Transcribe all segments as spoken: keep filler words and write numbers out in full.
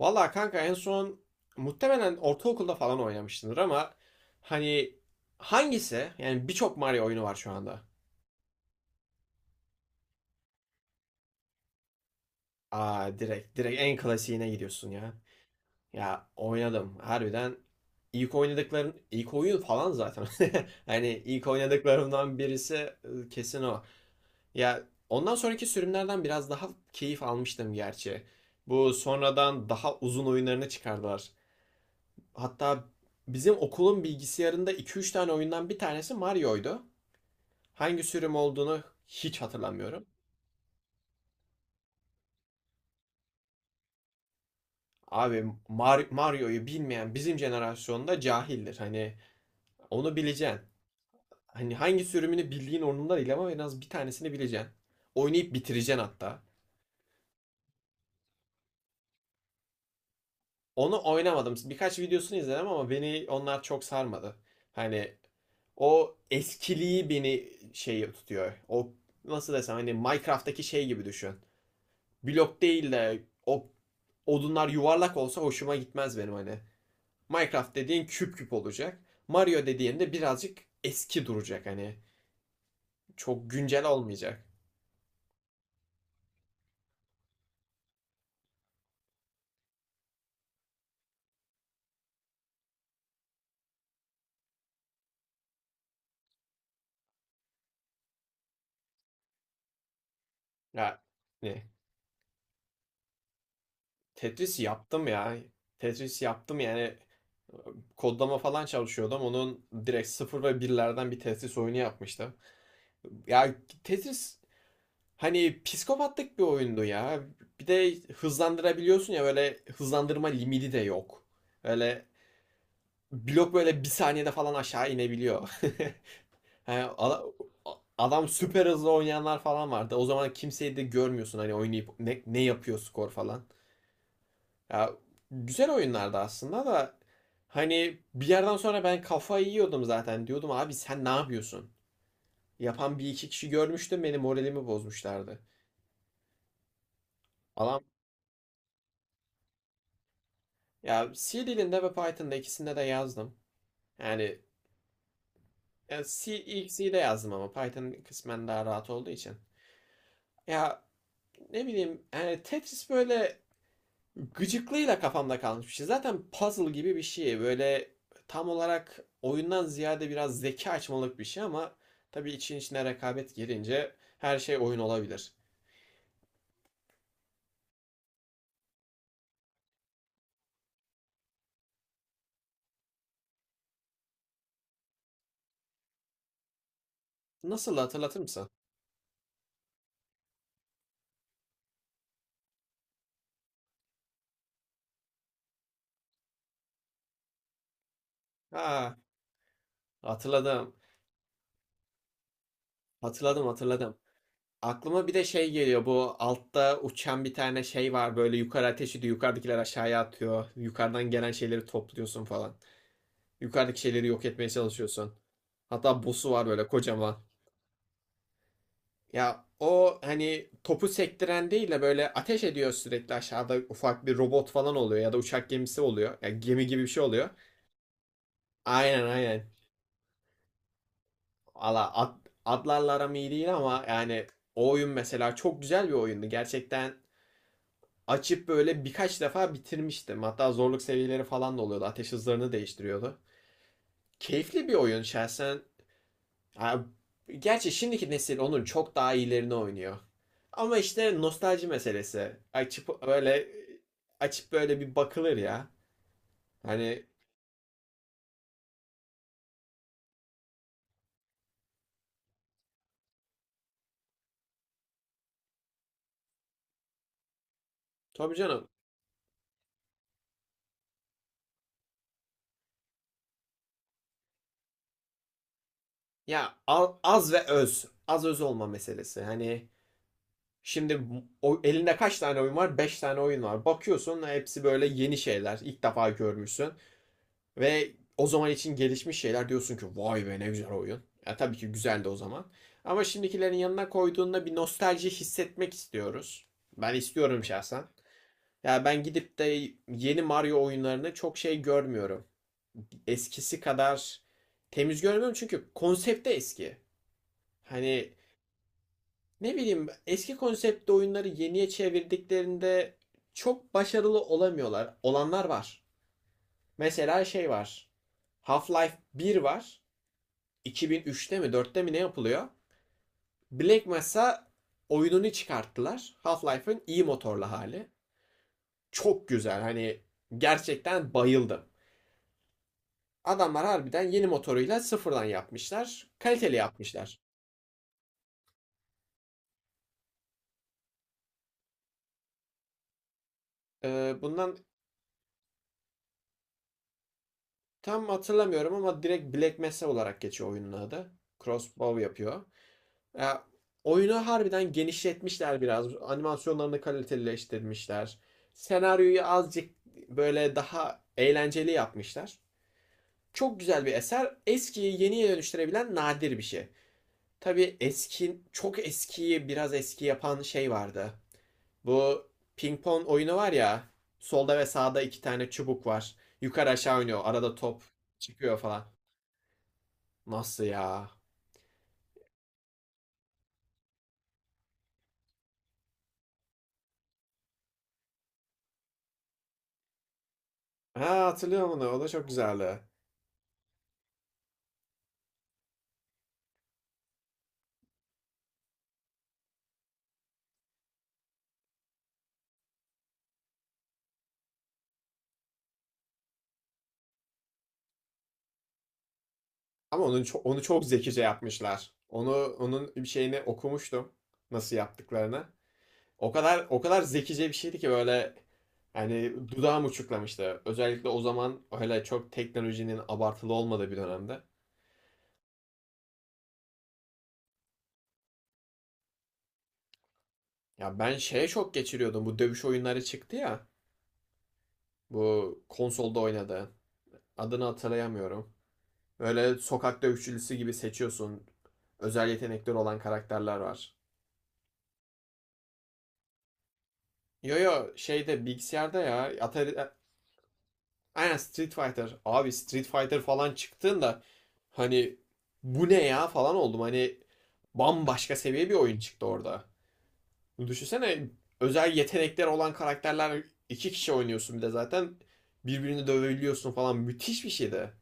Valla kanka en son muhtemelen ortaokulda falan oynamışsındır ama hani hangisi? Yani birçok Mario oyunu var şu anda. Aa direkt direkt en klasiğine gidiyorsun ya. Ya oynadım harbiden. İlk oynadıklarım ilk oyun falan zaten. Hani ilk oynadıklarımdan birisi e, kesin o. Ya ondan sonraki sürümlerden biraz daha keyif almıştım gerçi. Bu sonradan daha uzun oyunlarını çıkardılar. Hatta bizim okulun bilgisayarında iki üç tane oyundan bir tanesi Mario'ydu. Hangi sürüm olduğunu hiç hatırlamıyorum. Abi Mar- Mario'yu bilmeyen bizim jenerasyonda cahildir. Hani onu bileceksin. Hani hangi sürümünü bildiğin onunla değil ama en az bir tanesini bileceksin. Oynayıp bitireceksin hatta. Onu oynamadım. Birkaç videosunu izledim ama beni onlar çok sarmadı. Hani o eskiliği beni şey tutuyor. O nasıl desem hani Minecraft'taki şey gibi düşün. Blok değil de o odunlar yuvarlak olsa hoşuma gitmez benim hani. Minecraft dediğin küp küp olacak. Mario dediğin de birazcık eski duracak hani. Çok güncel olmayacak. Ya ne? Tetris yaptım ya. Tetris yaptım yani. Kodlama falan çalışıyordum. Onun direkt sıfır ve birlerden bir Tetris oyunu yapmıştım. Ya Tetris hani psikopatlık bir oyundu ya. Bir de hızlandırabiliyorsun ya, böyle hızlandırma limiti de yok. Öyle blok böyle bir saniyede falan aşağı inebiliyor. Yani ada- adam süper hızlı oynayanlar falan vardı. O zaman kimseyi de görmüyorsun hani oynayıp ne, ne yapıyor skor falan. Ya güzel oyunlardı aslında da hani bir yerden sonra ben kafayı yiyordum zaten. Diyordum abi sen ne yapıyorsun? Yapan bir iki kişi görmüştüm, beni moralimi bozmuşlardı. Adam ya C dilinde ve Python'da ikisinde de yazdım. Yani ya C, ilk C'de yazdım ama Python kısmen daha rahat olduğu için. Ya ne bileyim yani Tetris böyle gıcıklığıyla kafamda kalmış bir şey. Zaten puzzle gibi bir şey. Böyle tam olarak oyundan ziyade biraz zeka açmalık bir şey ama tabii için içine rekabet girince her şey oyun olabilir. Nasıl, hatırlatır mısın? Ha, hatırladım. Hatırladım, hatırladım. Aklıma bir de şey geliyor. Bu altta uçan bir tane şey var. Böyle yukarı ateş ediyor. Yukarıdakiler aşağıya atıyor. Yukarıdan gelen şeyleri topluyorsun falan. Yukarıdaki şeyleri yok etmeye çalışıyorsun. Hatta boss'u var böyle kocaman. Ya o hani topu sektiren değil de böyle ateş ediyor sürekli, aşağıda ufak bir robot falan oluyor ya da uçak gemisi oluyor. Ya gemi gibi bir şey oluyor. Aynen aynen. Valla ad, adlarla aram iyi değil ama yani o oyun mesela çok güzel bir oyundu. Gerçekten açıp böyle birkaç defa bitirmiştim. Hatta zorluk seviyeleri falan da oluyordu. Ateş hızlarını değiştiriyordu. Keyifli bir oyun şahsen. Gerçi şimdiki nesil onun çok daha iyilerini oynuyor. Ama işte nostalji meselesi. Açıp böyle açıp böyle bir bakılır ya. Hani tabii canım. Ya al- az ve öz. Az öz olma meselesi. Hani şimdi o, elinde kaç tane oyun var? Beş tane oyun var. Bakıyorsun hepsi böyle yeni şeyler. İlk defa görmüşsün. Ve o zaman için gelişmiş şeyler diyorsun ki vay be, ne güzel oyun. Ya tabii ki güzeldi o zaman. Ama şimdikilerin yanına koyduğunda bir nostalji hissetmek istiyoruz. Ben istiyorum şahsen. Ya ben gidip de yeni Mario oyunlarını çok şey görmüyorum. Eskisi kadar temiz görmüyorum çünkü konsepte eski. Hani ne bileyim eski konseptte oyunları yeniye çevirdiklerinde çok başarılı olamıyorlar. Olanlar var. Mesela şey var. Half-Life bir var. iki bin üçte mi dörtte mi ne yapılıyor? Black Mesa oyununu çıkarttılar. Half-Life'ın iyi motorlu hali. Çok güzel, hani gerçekten bayıldım. Adamlar harbiden yeni motoruyla sıfırdan yapmışlar. Kaliteli yapmışlar. Ee, bundan tam hatırlamıyorum ama direkt Black Mesa olarak geçiyor oyunun adı. Crossbow yapıyor. Ya, oyunu harbiden genişletmişler biraz. Animasyonlarını kalitelileştirmişler. Senaryoyu azıcık böyle daha eğlenceli yapmışlar. Çok güzel bir eser. Eskiyi yeniye dönüştürebilen nadir bir şey. Tabii eski, çok eskiyi biraz eski yapan şey vardı. Bu ping pong oyunu var ya. Solda ve sağda iki tane çubuk var. Yukarı aşağı oynuyor. Arada top çıkıyor falan. Nasıl ya? Ha, hatırlıyorum onu. O da çok güzeldi. Ama onu onu çok zekice yapmışlar. Onu onun bir şeyini okumuştum, nasıl yaptıklarını. O kadar o kadar zekice bir şeydi ki böyle hani dudağım uçuklamıştı. Özellikle o zaman, öyle çok teknolojinin abartılı olmadığı bir dönemde. Ya ben şeye çok geçiriyordum. Bu dövüş oyunları çıktı ya. Bu konsolda oynadı. Adını hatırlayamıyorum. Böyle sokak dövüşçüsü gibi seçiyorsun. Özel yetenekleri olan karakterler var. Yo yo, şeyde, bilgisayarda, ya Atari, aynen Street Fighter. Abi Street Fighter falan çıktığında hani bu ne ya falan oldum. Hani bambaşka seviye bir oyun çıktı orada. Düşünsene, özel yetenekler olan karakterler, iki kişi oynuyorsun bir de zaten, birbirini dövebiliyorsun falan, müthiş bir şeydi.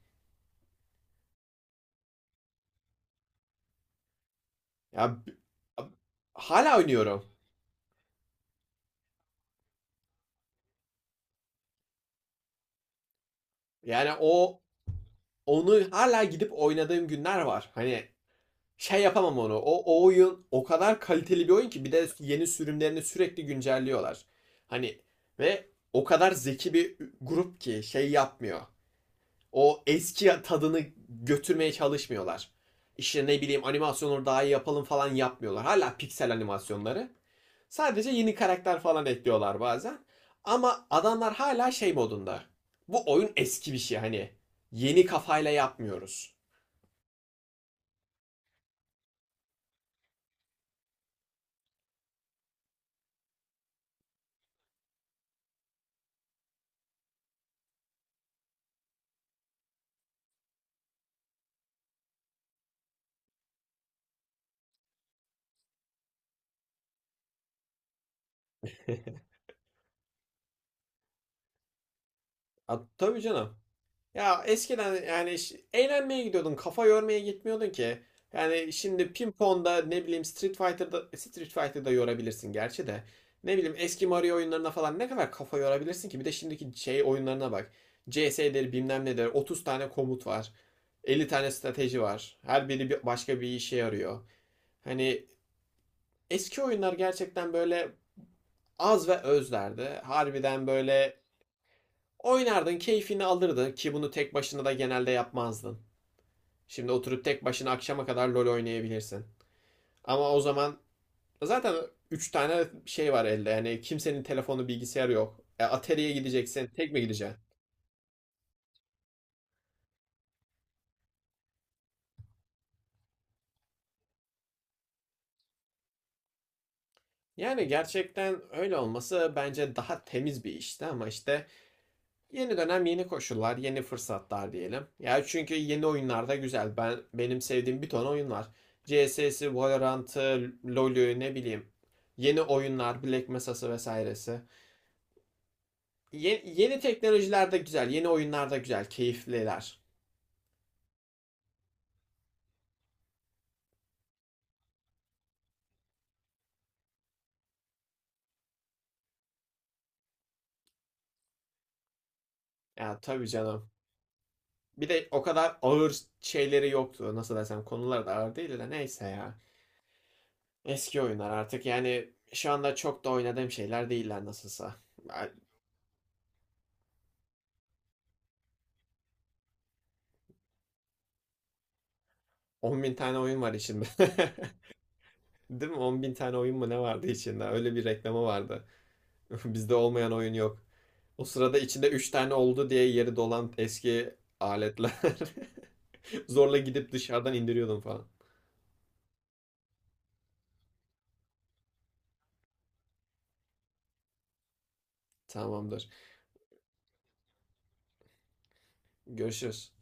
Ya hala oynuyorum. Yani o onu hala gidip oynadığım günler var. Hani şey yapamam onu. O, o oyun o kadar kaliteli bir oyun ki bir de yeni sürümlerini sürekli güncelliyorlar. Hani ve o kadar zeki bir grup ki şey yapmıyor. O eski tadını götürmeye çalışmıyorlar. İşte ne bileyim animasyonları daha iyi yapalım falan yapmıyorlar. Hala piksel animasyonları. Sadece yeni karakter falan ekliyorlar bazen. Ama adamlar hala şey modunda. Bu oyun eski bir şey hani. Yeni kafayla yapmıyoruz. Tabii canım. Ya eskiden yani ş- eğlenmeye gidiyordun, kafa yormaya gitmiyordun ki. Yani şimdi ping-pong'da ne bileyim, Street Fighter'da Street Fighter'da yorabilirsin gerçi de. Ne bileyim eski Mario oyunlarına falan ne kadar kafa yorabilirsin ki? Bir de şimdiki şey oyunlarına bak. C S'leri bilmem nedir. otuz tane komut var. elli tane strateji var. Her biri bir- başka bir işe yarıyor. Hani eski oyunlar gerçekten böyle az ve özlerdi. Harbiden böyle oynardın, keyfini alırdın ki bunu tek başına da genelde yapmazdın. Şimdi oturup tek başına akşama kadar LoL oynayabilirsin. Ama o zaman zaten üç tane şey var elde. Yani kimsenin telefonu, bilgisayarı yok. E, Atari'ye gideceksin, tek mi gideceksin? Yani gerçekten öyle olması bence daha temiz bir işti ama işte yeni dönem, yeni koşullar, yeni fırsatlar diyelim. Ya çünkü yeni oyunlar da güzel. Ben benim sevdiğim bir ton oyun var. C S'si, Valorant'ı, LoL'ü ne bileyim. Yeni oyunlar, Black Mesa'sı vesairesi. Ye- yeni teknolojiler de güzel, yeni oyunlar da güzel, keyifliler. Ya tabii canım. Bir de o kadar ağır şeyleri yoktu. Nasıl desem, konular da ağır değil de neyse ya. Eski oyunlar artık yani şu anda çok da oynadığım şeyler değiller nasılsa. on bin tane oyun var içinde. Değil mi? on bin tane oyun mu ne vardı içinde? Öyle bir reklamı vardı. Bizde olmayan oyun yok. O sırada içinde üç tane oldu diye yeri dolan eski aletler. Zorla gidip dışarıdan indiriyordum falan. Tamamdır. Görüşürüz.